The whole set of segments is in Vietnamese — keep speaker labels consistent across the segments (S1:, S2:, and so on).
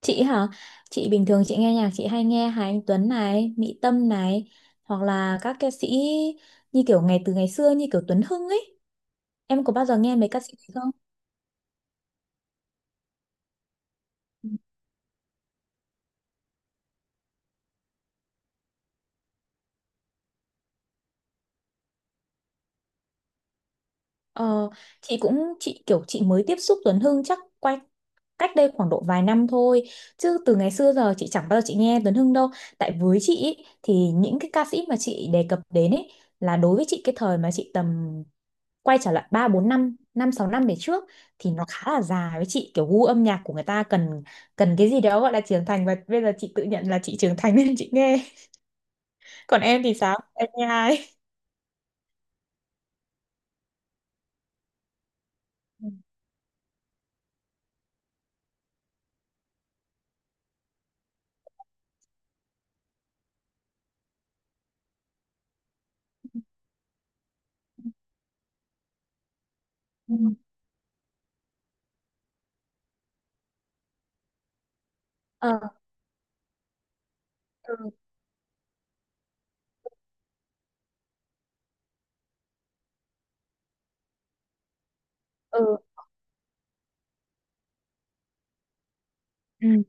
S1: Chị hả? Chị bình thường chị nghe nhạc chị hay nghe Hà Anh Tuấn này, Mỹ Tâm này, hoặc là các ca sĩ như kiểu ngày từ ngày xưa như kiểu Tuấn Hưng ấy. Em có bao giờ nghe mấy ca sĩ này không? Ờ, chị cũng chị mới tiếp xúc Tuấn Hưng chắc quay cách đây khoảng độ vài năm thôi, chứ từ ngày xưa giờ chị chẳng bao giờ chị nghe Tuấn Hưng đâu. Tại với chị ý, thì những cái ca sĩ mà chị đề cập đến ấy là đối với chị cái thời mà chị tầm quay trở lại 3 4 năm, 5 6 năm về trước thì nó khá là dài với chị, kiểu gu âm nhạc của người ta cần cần cái gì đó gọi là trưởng thành, và bây giờ chị tự nhận là chị trưởng thành nên chị nghe. Còn em thì sao? Em nghe ai? Ừ. Ờ, ừ, ừ, ừ.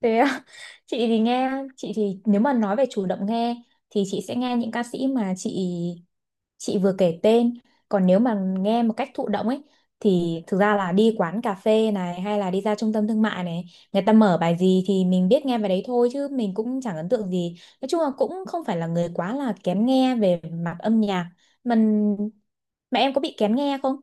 S1: Thế à? Chị thì nghe, chị thì nếu mà nói về chủ động nghe thì chị sẽ nghe những ca sĩ mà chị vừa kể tên, còn nếu mà nghe một cách thụ động ấy thì thực ra là đi quán cà phê này hay là đi ra trung tâm thương mại này, người ta mở bài gì thì mình biết nghe bài đấy thôi, chứ mình cũng chẳng ấn tượng gì. Nói chung là cũng không phải là người quá là kén nghe về mặt âm nhạc. Mình, mà em có bị kén nghe không?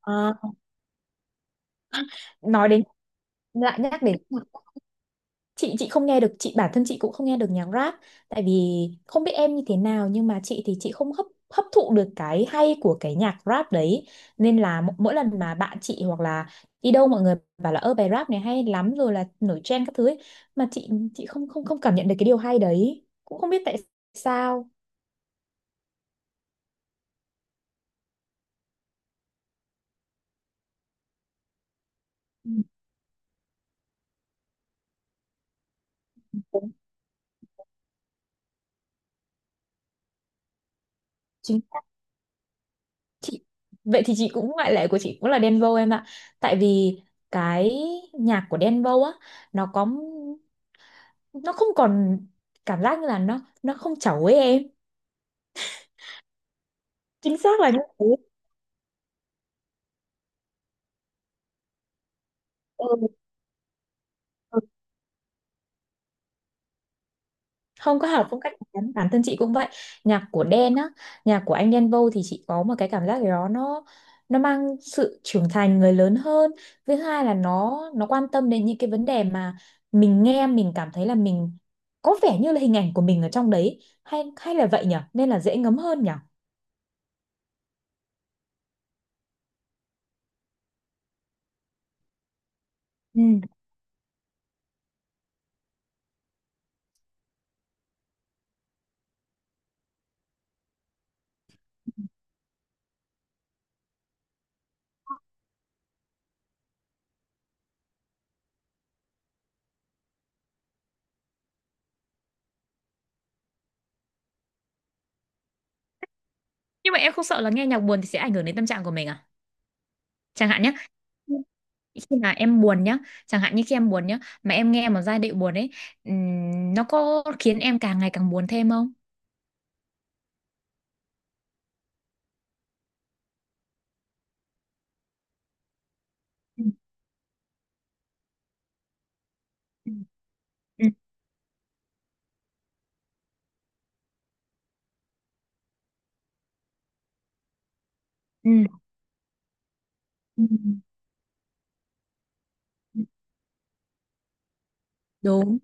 S1: Ờ, nói đến lại nhắc đến chị không nghe được, chị bản thân chị cũng không nghe được nhạc rap. Tại vì không biết em như thế nào, nhưng mà chị thì chị không hấp hấp thụ được cái hay của cái nhạc rap đấy, nên là mỗi lần mà bạn chị hoặc là đi đâu, mọi người bảo là ơ bài rap này hay lắm rồi là nổi trend các thứ ấy. Mà chị không không không cảm nhận được cái điều hay đấy, cũng không biết tại sao. Ừ, đúng, chính xác. Chị vậy thì chị cũng, ngoại lệ của chị cũng là Đen Vâu em ạ, tại vì cái nhạc của Đen Vâu á, nó có, nó không còn cảm giác như là nó không chẩu ấy em. Chính xác là như thế. Ừ. Ừ. Không có hợp phong cách của hắn. Bản thân chị cũng vậy. Nhạc của Đen á, nhạc của anh Đen Vâu thì chị có một cái cảm giác gì đó, nó mang sự trưởng thành người lớn hơn. Thứ hai là nó quan tâm đến những cái vấn đề mà mình nghe mình cảm thấy là mình có vẻ như là hình ảnh của mình ở trong đấy, hay hay là vậy nhở, nên là dễ ngấm hơn nhở. Ừ. Nhưng mà em không sợ là nghe nhạc buồn thì sẽ ảnh hưởng đến tâm trạng của mình à? Chẳng hạn nhé. Khi mà em buồn nhá, chẳng hạn như khi em buồn nhá mà em nghe một giai điệu buồn ấy, nó có khiến em càng ngày càng buồn thêm không? Ừ, ừ, ừ, ừ, ừ, ừ, đúng,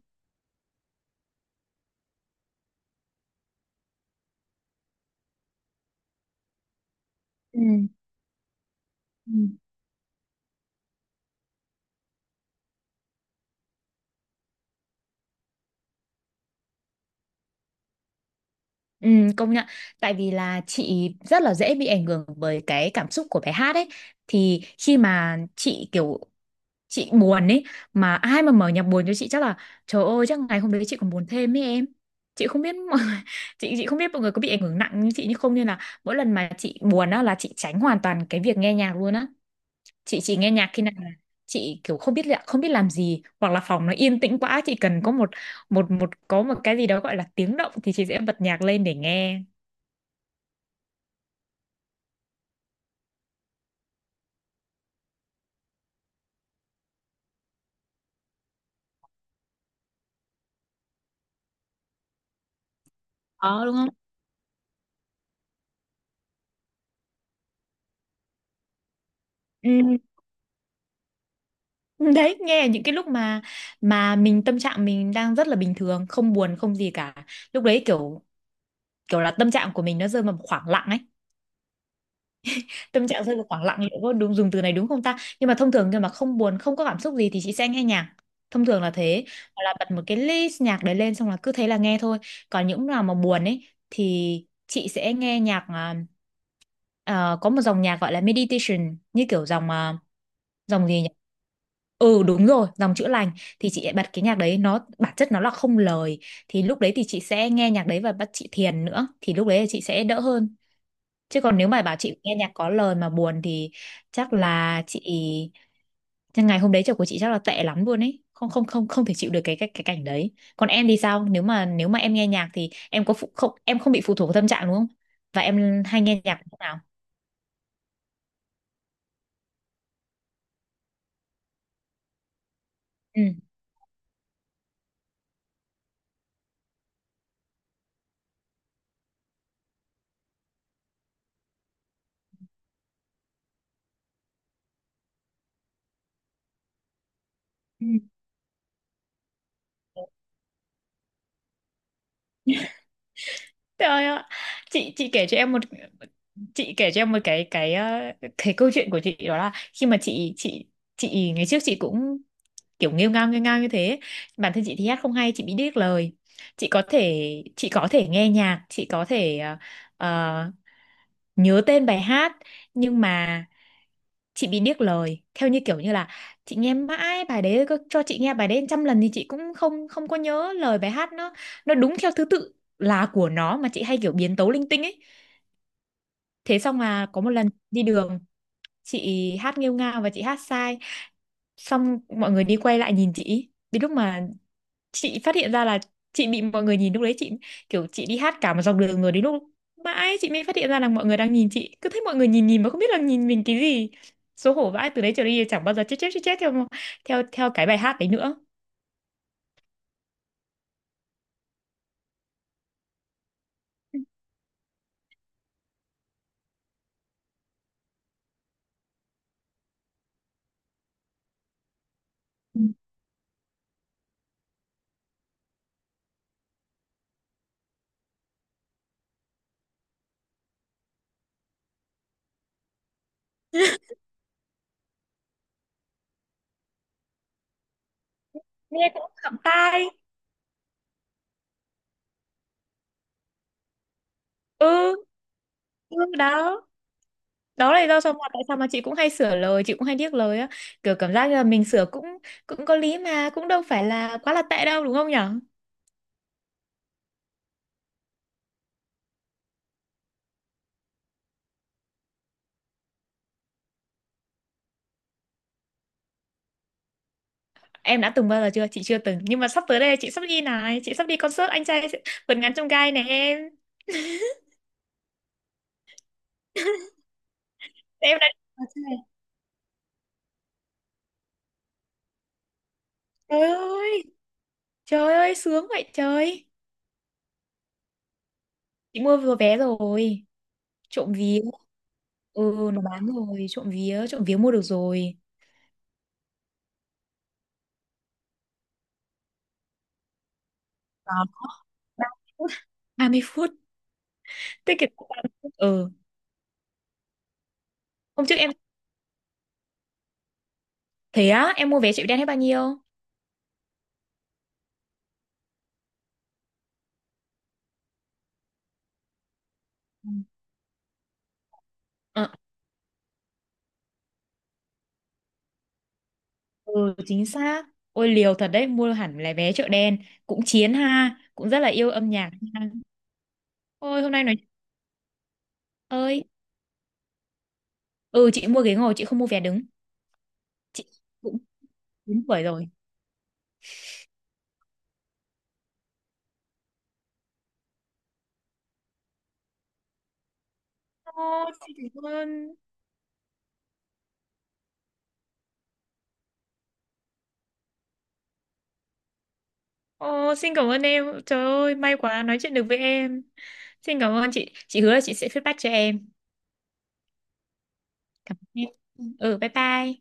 S1: ừ, ừ. Ừ, công nhận, tại vì là chị rất là dễ bị ảnh hưởng bởi cái cảm xúc của bài hát ấy, thì khi mà chị kiểu chị buồn ấy, mà ai mà mở nhạc buồn cho chị chắc là trời ơi chắc ngày hôm đấy chị còn buồn thêm ấy em. Chị không biết mọi người, chị không biết mọi người có bị ảnh hưởng nặng như chị như không, nên là mỗi lần mà chị buồn á là chị tránh hoàn toàn cái việc nghe nhạc luôn á. Chị chỉ nghe nhạc khi nào là chị kiểu không biết là không biết làm gì, hoặc là phòng nó yên tĩnh quá chị cần có một một một có một cái gì đó gọi là tiếng động thì chị sẽ bật nhạc lên để nghe. Có đúng không? Ừ, đấy nghe những cái lúc mà mình tâm trạng mình đang rất là bình thường, không buồn không gì cả, lúc đấy kiểu kiểu là tâm trạng của mình nó rơi vào một khoảng lặng ấy. Tâm trạng rơi vào khoảng lặng liệu có đúng dùng từ này đúng không ta, nhưng mà thông thường khi mà không buồn không có cảm xúc gì thì chị sẽ nghe nhạc, thông thường là thế. Hoặc là bật một cái list nhạc đấy lên xong là cứ thế là nghe thôi. Còn những nào mà buồn ấy thì chị sẽ nghe nhạc có một dòng nhạc gọi là meditation, như kiểu dòng dòng gì nhỉ, ừ đúng rồi, dòng chữa lành, thì chị lại bật cái nhạc đấy, nó bản chất nó là không lời, thì lúc đấy thì chị sẽ nghe nhạc đấy và bắt chị thiền nữa thì lúc đấy là chị sẽ đỡ hơn. Chứ còn nếu mà bảo chị nghe nhạc có lời mà buồn thì chắc là chị chắc ngày hôm đấy trời của chị chắc là tệ lắm luôn ấy. Không không không, không thể chịu được cái cảnh đấy. Còn em thì sao? Nếu mà em nghe nhạc thì em có phụ, không em không bị phụ thuộc vào tâm trạng đúng không? Và em hay nghe nhạc lúc nào? Ừ. Ừ. Trời ơi, chị kể cho em một chị kể cho em một cái câu chuyện của chị, đó là khi mà chị ngày trước chị cũng kiểu nghêu ngao như thế. Bản thân chị thì hát không hay, chị bị điếc lời. Chị có thể chị có thể nghe nhạc, chị có thể ờ, nhớ tên bài hát, nhưng mà chị bị điếc lời, theo như kiểu như là chị nghe mãi bài đấy, có cho chị nghe bài đấy trăm lần thì chị cũng không không có nhớ lời bài hát, nó đúng theo thứ tự là của nó, mà chị hay kiểu biến tấu linh tinh ấy. Thế xong mà có một lần đi đường chị hát nghêu ngao và chị hát sai, xong mọi người đi quay lại nhìn chị, đến lúc mà chị phát hiện ra là chị bị mọi người nhìn, lúc đấy chị kiểu chị đi hát cả một dọc đường rồi đến lúc mãi chị mới phát hiện ra là mọi người đang nhìn chị, cứ thấy mọi người nhìn nhìn mà không biết là nhìn mình cái gì, xấu hổ vãi, từ đấy trở đi chẳng bao giờ chết chết chết chết theo theo theo cái bài hát đấy nữa. Ừ. Nghe cũng khập tai. Ừ, ừ, đó, đó là lý do sao mà tại sao mà chị cũng hay sửa lời, chị cũng hay điếc lời á. Kiểu cảm giác như là mình sửa cũng cũng có lý, mà cũng đâu phải là quá là tệ đâu đúng không nhỉ. Em đã từng bao giờ chưa? Chị chưa từng. Nhưng mà sắp tới đây chị sắp đi này. Chị sắp đi concert anh trai vượt ngàn chông gai này em. Em đã... À, trời ơi. Trời ơi, sướng vậy trời. Chị mua vừa vé rồi. Trộm vía. Ừ, nó bán rồi. Trộm vía. Trộm vía mua được rồi. Đó. 30 phút. 30 phút. Tiết kiệm được 30 phút. Ừ. Hôm trước em... Thế á, em mua vé chợ đen hết bao nhiêu? Ừ. Ờ, ừ, chính xác. Ôi liều thật đấy, mua hẳn là vé chợ đen. Cũng chiến ha. Cũng rất là yêu âm nhạc ha. Ôi hôm nay nói ơi, ừ chị mua ghế ngồi chị không mua vé đứng. Chị cũng đúng tuổi rồi. Ồ, xin cảm ơn. Ồ, xin cảm ơn em. Trời ơi, may quá nói chuyện được với em. Xin cảm ơn chị. Chị hứa là chị sẽ feedback cho em. Cảm ơn em. Ừ, bye bye.